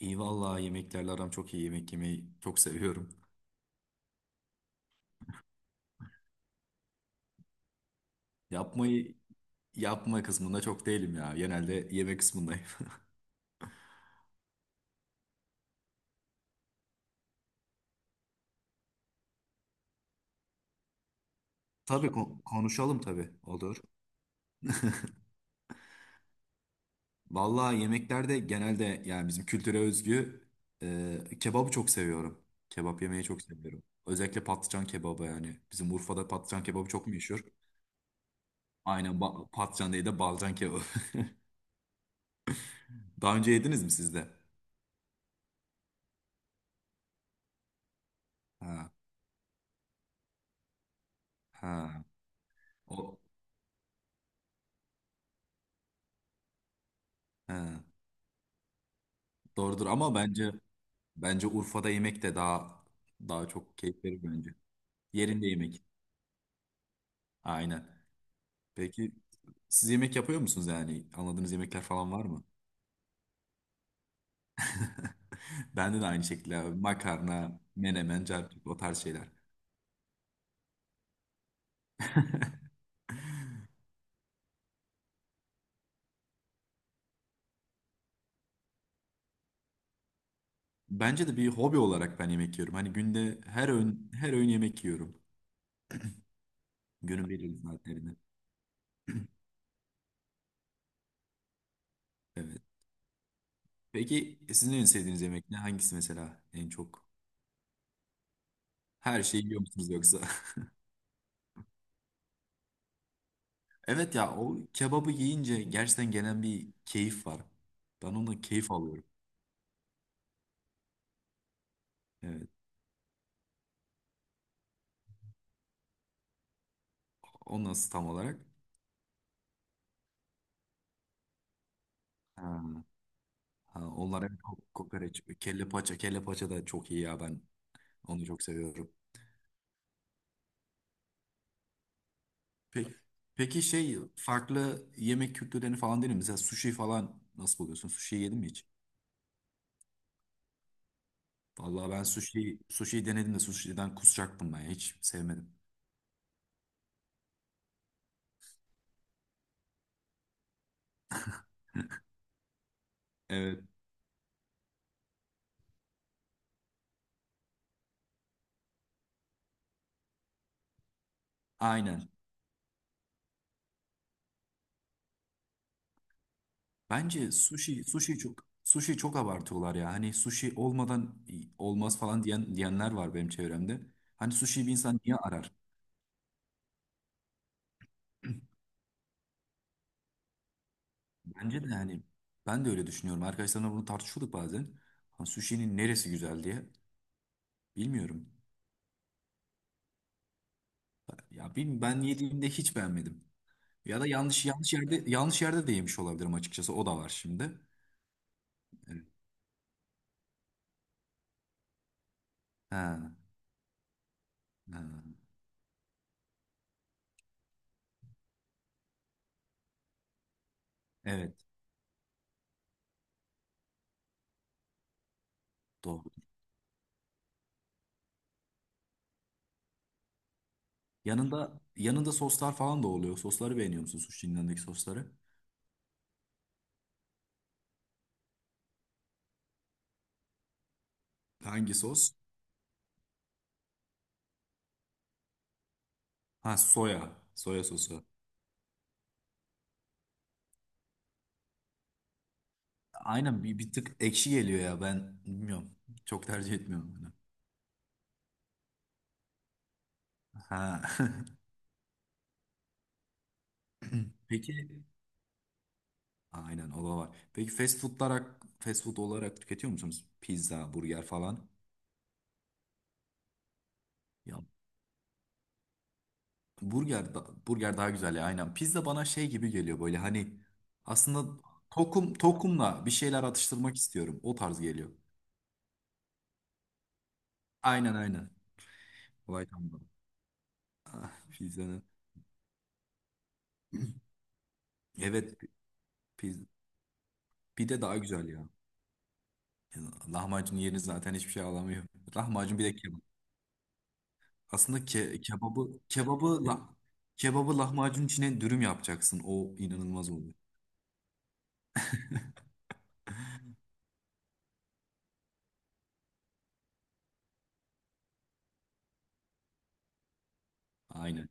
İyi vallahi yemeklerle aram çok iyi. Yemek yemeyi çok seviyorum. Yapmayı yapma kısmında çok değilim ya. Genelde yeme kısmındayım. Tabii konuşalım tabii olur. Vallahi yemeklerde genelde yani bizim kültüre özgü kebabı çok seviyorum. Kebap yemeyi çok seviyorum. Özellikle patlıcan kebabı yani. Bizim Urfa'da patlıcan kebabı çok meşhur. Aynen patlıcan değil de balcan kebabı. Daha önce yediniz mi siz de? Ha, ha. O, ha. Doğrudur ama bence Urfa'da yemek de daha çok keyif verir bence. Yerinde yemek. Aynen. Peki siz yemek yapıyor musunuz yani? Anladığınız yemekler falan var mı? Bende de aynı şekilde abi. Makarna, menemen, carpik o tarz şeyler. Bence de bir hobi olarak ben yemek yiyorum. Hani günde her öğün her öğün yemek yiyorum. Günün belirli saatlerinde. Evet. Peki sizin en sevdiğiniz yemek ne? Hangisi mesela en çok? Her şeyi yiyor musunuz yoksa? Evet ya o kebabı yiyince gerçekten gelen bir keyif var. Ben ondan keyif alıyorum. Evet. O nasıl tam olarak? Ha, ha, onlar evet, kokoreç, kelle paça, kelle paça da çok iyi ya ben onu çok seviyorum. Peki, peki şey farklı yemek kültürlerini falan denedin mi? Mesela sushi falan nasıl buluyorsun? Sushi yedin mi hiç? Vallahi ben sushi denedim de sushi'den kusacaktım ben ya. Hiç sevmedim. Evet. Aynen. Bence sushi çok abartıyorlar ya. Hani sushi olmadan olmaz falan diyen diyenler var benim çevremde. Hani sushi bir insan niye arar? Bence de hani ben de öyle düşünüyorum. Arkadaşlarımla bunu tartışıyorduk bazen. Ha, sushi'nin neresi güzel diye. Bilmiyorum. Ya bilmiyorum ben yediğimde hiç beğenmedim. Ya da yanlış yerde de yemiş olabilirim açıkçası. O da var şimdi. Evet. Ha, ha. Evet, doğru. Yanında soslar falan da oluyor. Sosları beğeniyor musun sushi'nin yanındaki sosları? Hangi sos? Ha soya. Soya sosu. Aynen bir tık ekşi geliyor ya ben bilmiyorum. Çok tercih etmiyorum bunu. Ha. Peki aynen o da var. Peki fast foodlar fast food olarak tüketiyor musunuz? Pizza, burger falan. Ya burger daha güzel ya aynen. Pizza bana şey gibi geliyor böyle hani aslında tokum tokumla bir şeyler atıştırmak istiyorum. O tarz geliyor. Aynen. Olay tam da. Ah, pizzanın. Evet pizza pide daha güzel ya. Lahmacun yerine zaten hiçbir şey alamıyor. Lahmacun bir de kebap. Aslında kebabı lahmacun içine dürüm yapacaksın. O inanılmaz oluyor. Aynen.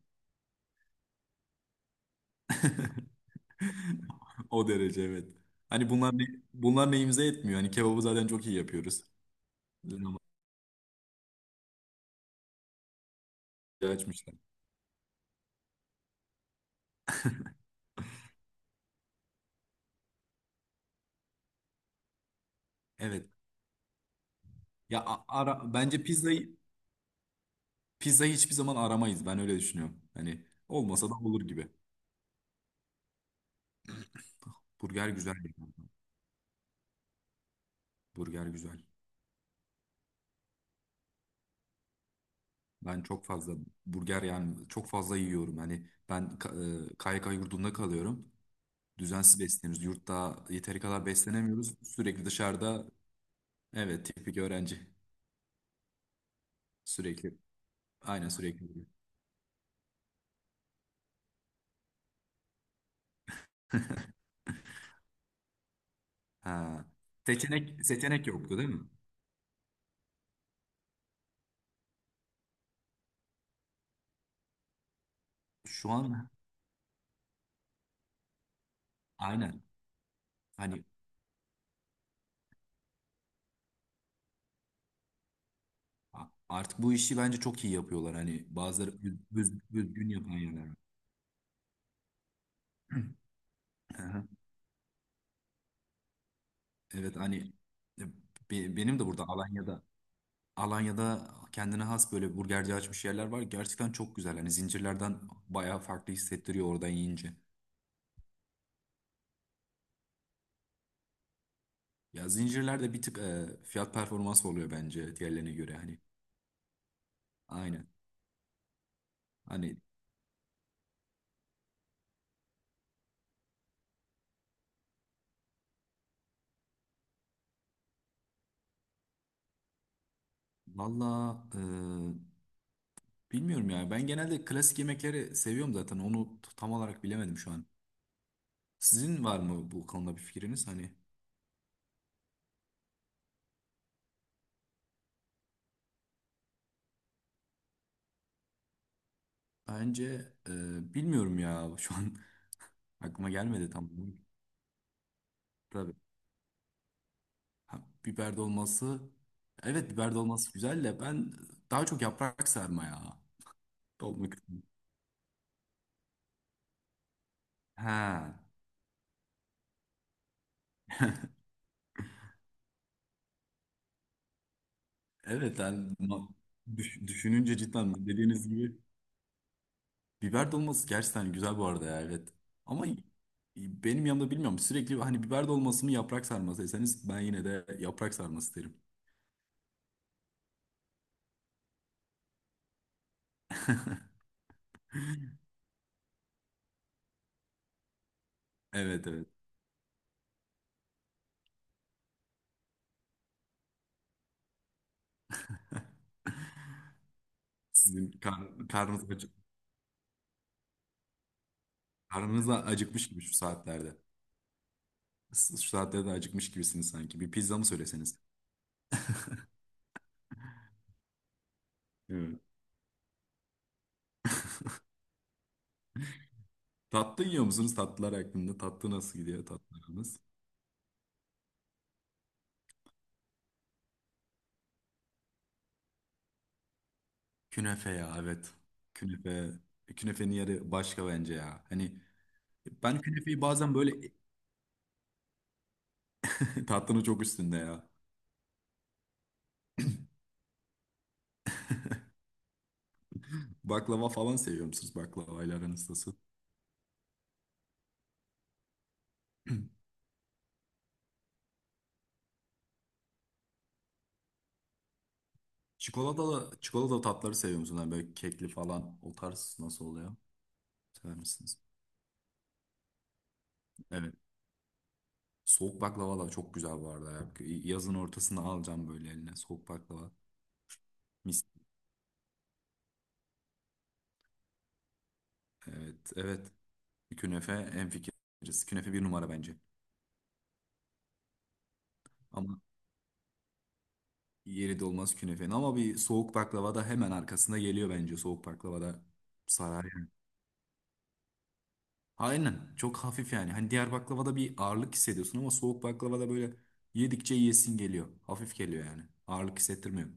O derece evet. Hani bunlar neyimize etmiyor. Hani kebabı zaten çok iyi yapıyoruz. Lahmacun açmışlar. Evet. Ya bence pizzayı hiçbir zaman aramayız. Ben öyle düşünüyorum. Hani olmasa da olur gibi. Burger güzel yani. Burger güzel. Ben çok fazla burger yani çok fazla yiyorum. Hani ben KYK yurdunda kalıyorum. Düzensiz besleniyoruz. Yurtta yeteri kadar beslenemiyoruz. Sürekli dışarıda evet tipik öğrenci. Sürekli aynen sürekli. Ha. Seçenek yoktu değil mi? Şu an aynen. Hani artık bu işi bence çok iyi yapıyorlar. Hani bazıları üzgün yapan yerler var. Aha. Evet hani e, benim de burada Alanya'da kendine has böyle burgerci açmış yerler var. Gerçekten çok güzel. Hani zincirlerden bayağı farklı hissettiriyor oradan yiyince. Ya zincirler de bir tık fiyat performans oluyor bence diğerlerine göre hani. Aynen. Hani valla bilmiyorum ya. Ben genelde klasik yemekleri seviyorum zaten. Onu tam olarak bilemedim şu an. Sizin var mı bu konuda bir fikriniz? Hani bence bilmiyorum ya. Şu an aklıma gelmedi tam. Tabii. Ha, biber dolması. Evet biber dolması güzel de ben daha çok yaprak sarma ya. Dolma kısmı. Ha. Evet yani düşününce cidden dediğiniz gibi biber dolması gerçekten güzel bu arada ya evet. Ama benim yanımda bilmiyorum sürekli hani biber dolması mı yaprak sarması deseniz ben yine de yaprak sarması derim. Evet evet. Sizin karnınız karnınız da acıkmış gibi şu saatlerde. Şu saatlerde de acıkmış gibisiniz sanki. Bir pizza mı söyleseniz? Evet. Tatlı yiyor musunuz? Tatlılar hakkında. Tatlı nasıl gidiyor tatlılarınız? Künefe ya evet. Künefe. Künefenin yeri başka bence ya. Hani ben künefeyi bazen böyle tatlının çok üstünde ya. Baklava falan seviyor musunuz? Baklavayla aranız nasıl? Çikolatalı tatları seviyor musunuz? Hani böyle kekli falan o tarz nasıl oluyor? Sever misiniz? Evet. Soğuk baklava da çok güzel bu arada ya. Yazın ortasında alacağım böyle eline. Soğuk baklava. Mis. Evet. Evet. Künefe en fikiriz. Künefe bir numara bence. Ama yeri de olmaz künefenin. Ama bir soğuk baklava da hemen arkasında geliyor bence. Soğuk baklava da sarar yani. Aynen. Çok hafif yani. Hani diğer baklavada bir ağırlık hissediyorsun ama soğuk baklavada böyle yedikçe yiyesin geliyor. Hafif geliyor yani. Ağırlık hissettirmiyor.